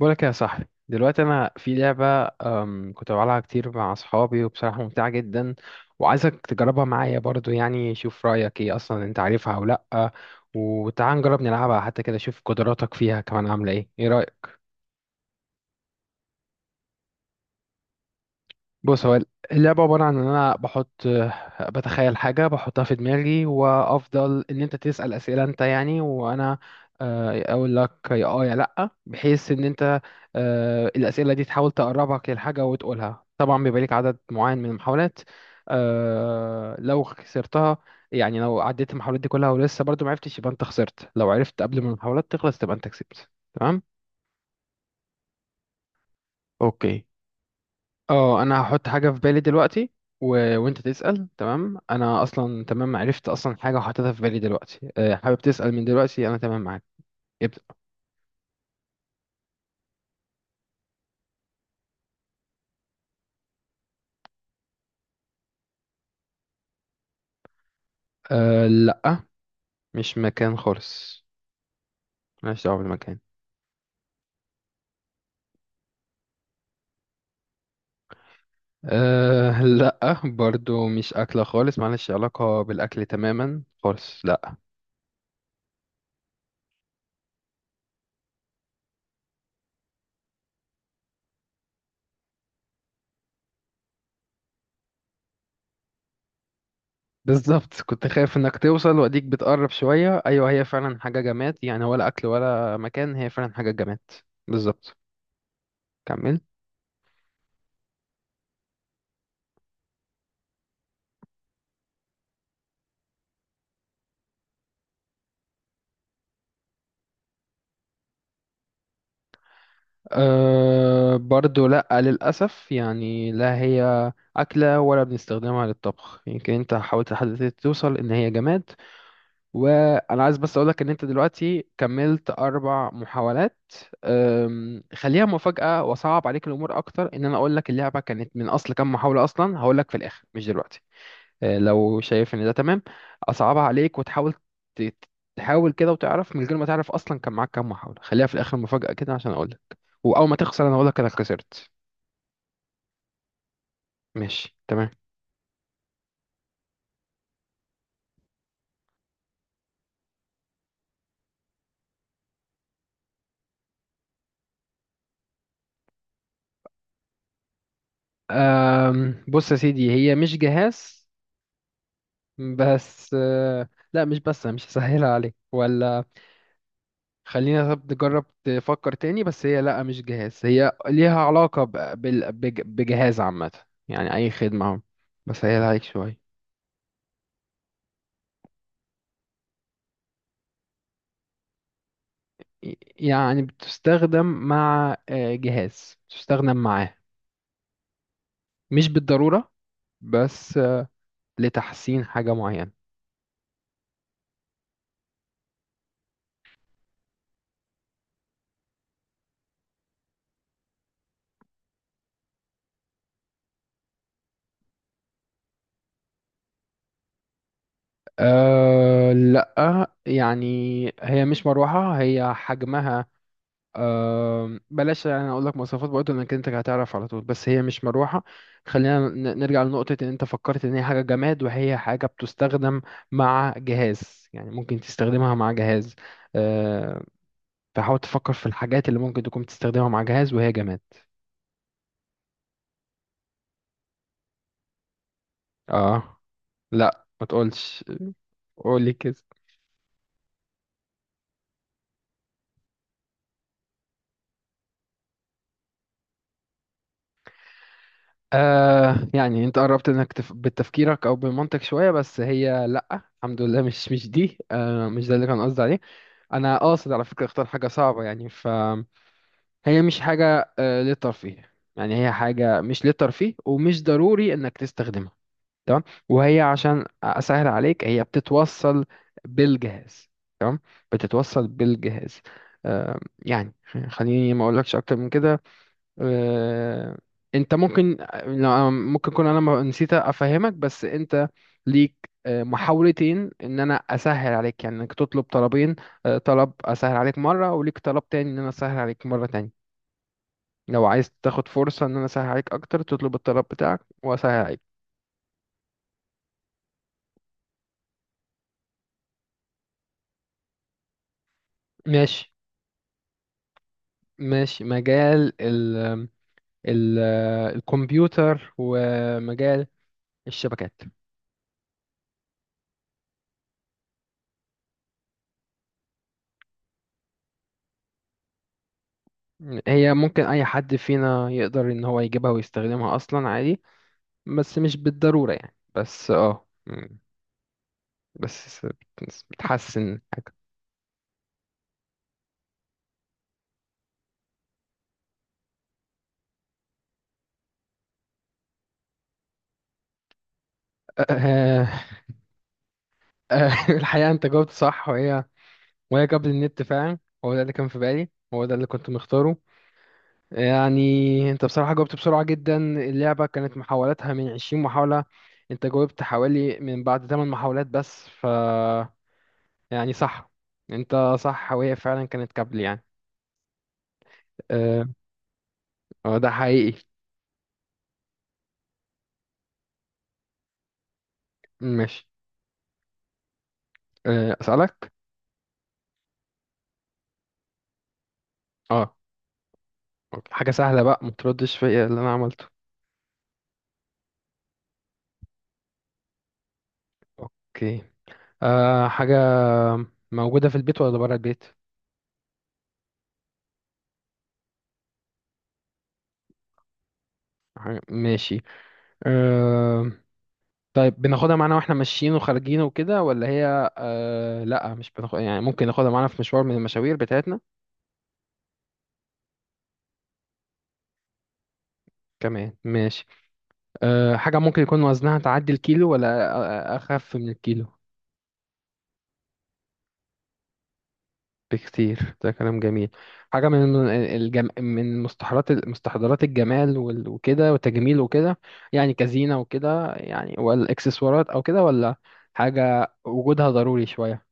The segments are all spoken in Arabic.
بقولك يا صاحبي دلوقتي انا في لعبه، كنت بلعبها كتير مع اصحابي وبصراحه ممتعه جدا، وعايزك تجربها معايا برضو. يعني شوف رايك ايه، اصلا انت عارفها او لا، وتعال نجرب نلعبها حتى كده، شوف قدراتك فيها كمان عامله ايه. ايه رايك؟ بص، هو اللعبة عبارة عن إن أنا بحط، بتخيل حاجة بحطها في دماغي، وأفضل إن أنت تسأل أسئلة أنت يعني، وأنا أقول لك يا آه يا لأ، بحيث إن أنت، الأسئلة دي تحاول تقربك للحاجة وتقولها. طبعا بيبقى ليك عدد معين من المحاولات. لو خسرتها، يعني لو عديت المحاولات دي كلها ولسه برضو معرفتش، يبقى أنت خسرت. لو عرفت قبل ما المحاولات تخلص، تبقى أنت كسبت. تمام؟ اوكي. اه، انا هحط حاجه في بالي دلوقتي و... وانت تسال. تمام، انا اصلا تمام عرفت اصلا حاجه وحطيتها في بالي دلوقتي. أه، حابب تسال؟ من دلوقتي انا تمام معاك، ابدا. أه لا، مش مكان خالص، مالهاش دعوه بالمكان. أه، لا برضو مش اكله خالص، مالهاش علاقه بالاكل تماما خالص، لا. بالظبط، كنت خايف انك توصل، واديك بتقرب شويه. ايوه، هي فعلا حاجه جماد، يعني ولا اكل ولا مكان، هي فعلا حاجه جماد. بالظبط، كمل. أه برضو لأ، للأسف يعني، لا هي أكلة ولا بنستخدمها للطبخ. يمكن أنت حاولت لحد دلوقتي توصل إن هي جماد، وأنا عايز بس أقولك إن أنت دلوقتي كملت أربع محاولات. خليها مفاجأة وصعب عليك الأمور أكتر، إن أنا أقولك اللعبة كانت من أصل كام محاولة أصلا. هقولك في الآخر مش دلوقتي. لو شايف ان ده تمام، اصعبها عليك وتحاول، ت- تحاول كده وتعرف من غير ما تعرف اصلا كان معاك كام محاولة. خليها في الاخر مفاجأة كده عشان اقول لك، واول ما تخسر انا اقول لك انا خسرت. ماشي تمام. أم بص يا سيدي، هي مش جهاز. بس لا، مش بس أنا مش هسهلها عليك ولا، خلينا طب نجرب تفكر تاني. بس هي لا مش جهاز، هي ليها علاقة بجهاز عامة. يعني أي خدمة أهو، بسهلها عليك شوية. يعني بتستخدم مع جهاز، بتستخدم معاه، مش بالضرورة، بس لتحسين حاجة معينة. أه لا يعني، هي مش مروحة. هي حجمها، أه بلاش يعني اقول لك مواصفات برضه، انك انت هتعرف على طول. بس هي مش مروحة. خلينا نرجع لنقطة ان انت فكرت ان هي حاجة جماد، وهي حاجة بتستخدم مع جهاز، يعني ممكن تستخدمها مع جهاز، أه. فحاول تفكر في الحاجات اللي ممكن تكون بتستخدمها مع جهاز وهي جماد. اه لا، ما تقولش، قولي كده. آه يعني انت قربت انك بتفكيرك او بمنطق شويه، بس هي لا الحمد لله، مش دي، آه مش ده اللي كان قصدي عليه. انا قاصد على فكره، اختار حاجه صعبه يعني. ف هي مش حاجه آه للترفيه، يعني هي حاجه مش للترفيه، ومش ضروري انك تستخدمها، تمام. وهي عشان اسهل عليك، هي بتتوصل بالجهاز، تمام، بتتوصل بالجهاز، آه يعني. خليني ما اقولكش اكتر من كده. آه، انت ممكن، لا، ممكن اكون انا نسيت افهمك. بس انت ليك محاولتين ان انا اسهل عليك، يعني انك تطلب طلبين. طلب اسهل عليك مره، وليك طلب تاني ان انا اسهل عليك مره تاني. لو عايز تاخد فرصه ان انا اسهل عليك اكتر، تطلب الطلب بتاعك واسهل عليك. ماشي، ماشي. مجال ال ال الكمبيوتر، ومجال الشبكات. هي ممكن اي حد فينا يقدر ان هو يجيبها ويستخدمها اصلا عادي، بس مش بالضرورة يعني. بس اه بس بتحسن. آه، آه، الحقيقة انت جاوبت صح، وهي وهي قبل النت فعلا، هو ده اللي كان في بالي، هو ده اللي كنت مختاره يعني. انت بصراحة جاوبت بسرعة جدا. اللعبة كانت محاولاتها من 20 محاولة، انت جاوبت حوالي من بعد 8 محاولات بس. ف يعني صح، انت صح، وهي فعلا كانت قبل يعني، اه. ده حقيقي. ماشي، اسألك. اه أوكي. حاجة سهلة بقى، ما تردش فيا اللي أنا عملته. أوكي. أه، حاجة موجودة في البيت ولا برا البيت؟ ماشي، أه. طيب بناخدها معانا واحنا ماشيين وخارجين وكده، ولا هي أه لا مش بناخد؟ يعني ممكن ناخدها معانا في مشوار من المشاوير بتاعتنا، كمان ماشي. أه، حاجة ممكن يكون وزنها تعدي الكيلو، ولا أخف من الكيلو؟ بكتير، ده كلام جميل. حاجة من من مستحضرات، مستحضرات الجمال وكده وتجميل وكده، يعني كزينة وكده يعني والإكسسوارات أو كده، ولا حاجة وجودها ضروري شوية؟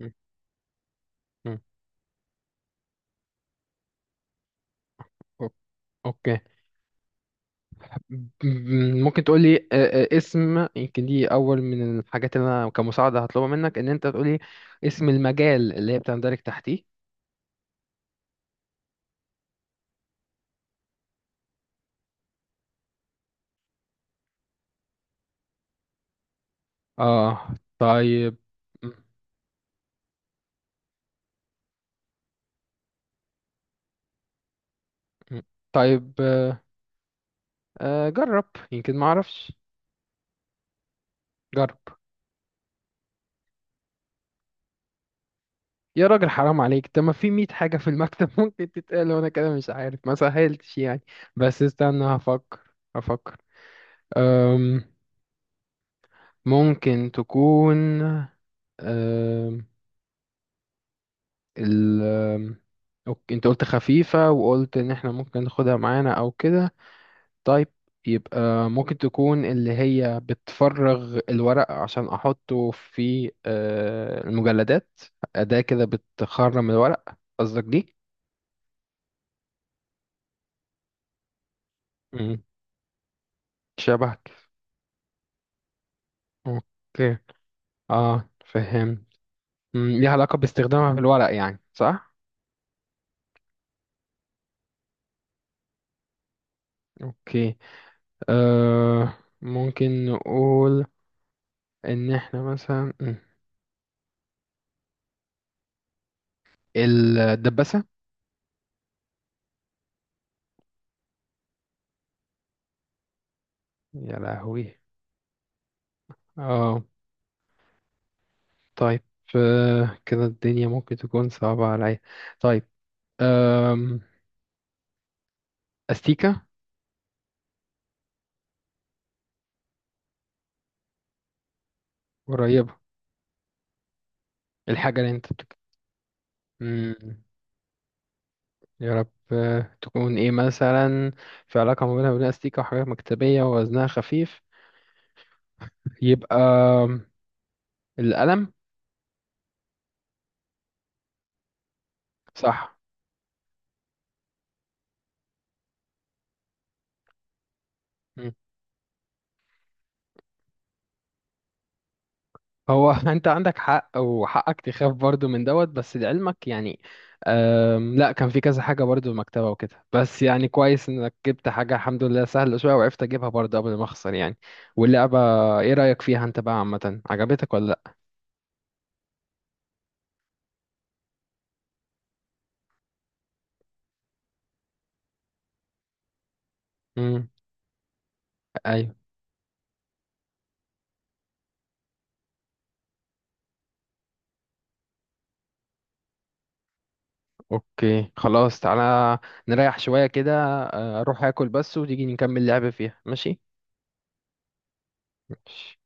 مم. مم. أوك- أوكي. مم. ممكن تقولي اسم. يمكن دي أول من الحاجات اللي أنا كمساعدة هطلبها منك، إن أنت تقولي اسم المجال اللي هي بتندرج تحتيه. آه طيب. مم. مم. طيب جرب، يمكن ما أعرفش، جرب. يا راجل حرام عليك، ده ما في 100 حاجة في المكتب ممكن تتقال، وانا كده مش عارف ما سهلتش يعني. بس استنى هفكر، هفكر. أم، ممكن تكون، أم، ال أم، أوكي، انت قلت خفيفة، وقلت ان احنا ممكن ناخدها معانا او كده، طيب. يبقى ممكن تكون اللي هي بتفرغ الورق عشان احطه في المجلدات، أداة كده بتخرم الورق، قصدك دي؟ مم. شبهك. اوكي، اه فهم. ليها علاقة باستخدامها في الورق يعني صح؟ اوكي، آه. ممكن نقول ان احنا مثلا الدباسة. يا لهوي. اه طيب، آه كده الدنيا ممكن تكون صعبة عليا. طيب، آم، استيكة. قريبة، الحاجة اللي انت مم. يا رب تكون ايه مثلا. في علاقة ما بينها وبين استيكة، وحاجات مكتبية، ووزنها خفيف، يبقى القلم. صح. مم. هو انت عندك حق، وحقك تخاف برضو من دوت، بس لعلمك يعني، أم لا، كان في كذا حاجة برضو المكتبة وكده، بس يعني كويس انك جبت حاجة الحمد لله سهلة شوية، وعرفت اجيبها برضو قبل ما اخسر يعني. واللعبة ايه رأيك فيها انت بقى عامة؟ عجبتك ولا لا؟ مم. ايوه. اوكي خلاص، تعالى نريح شوية كده. أه، اروح اكل بس وتيجي نكمل لعب فيها، ماشي؟ ماشي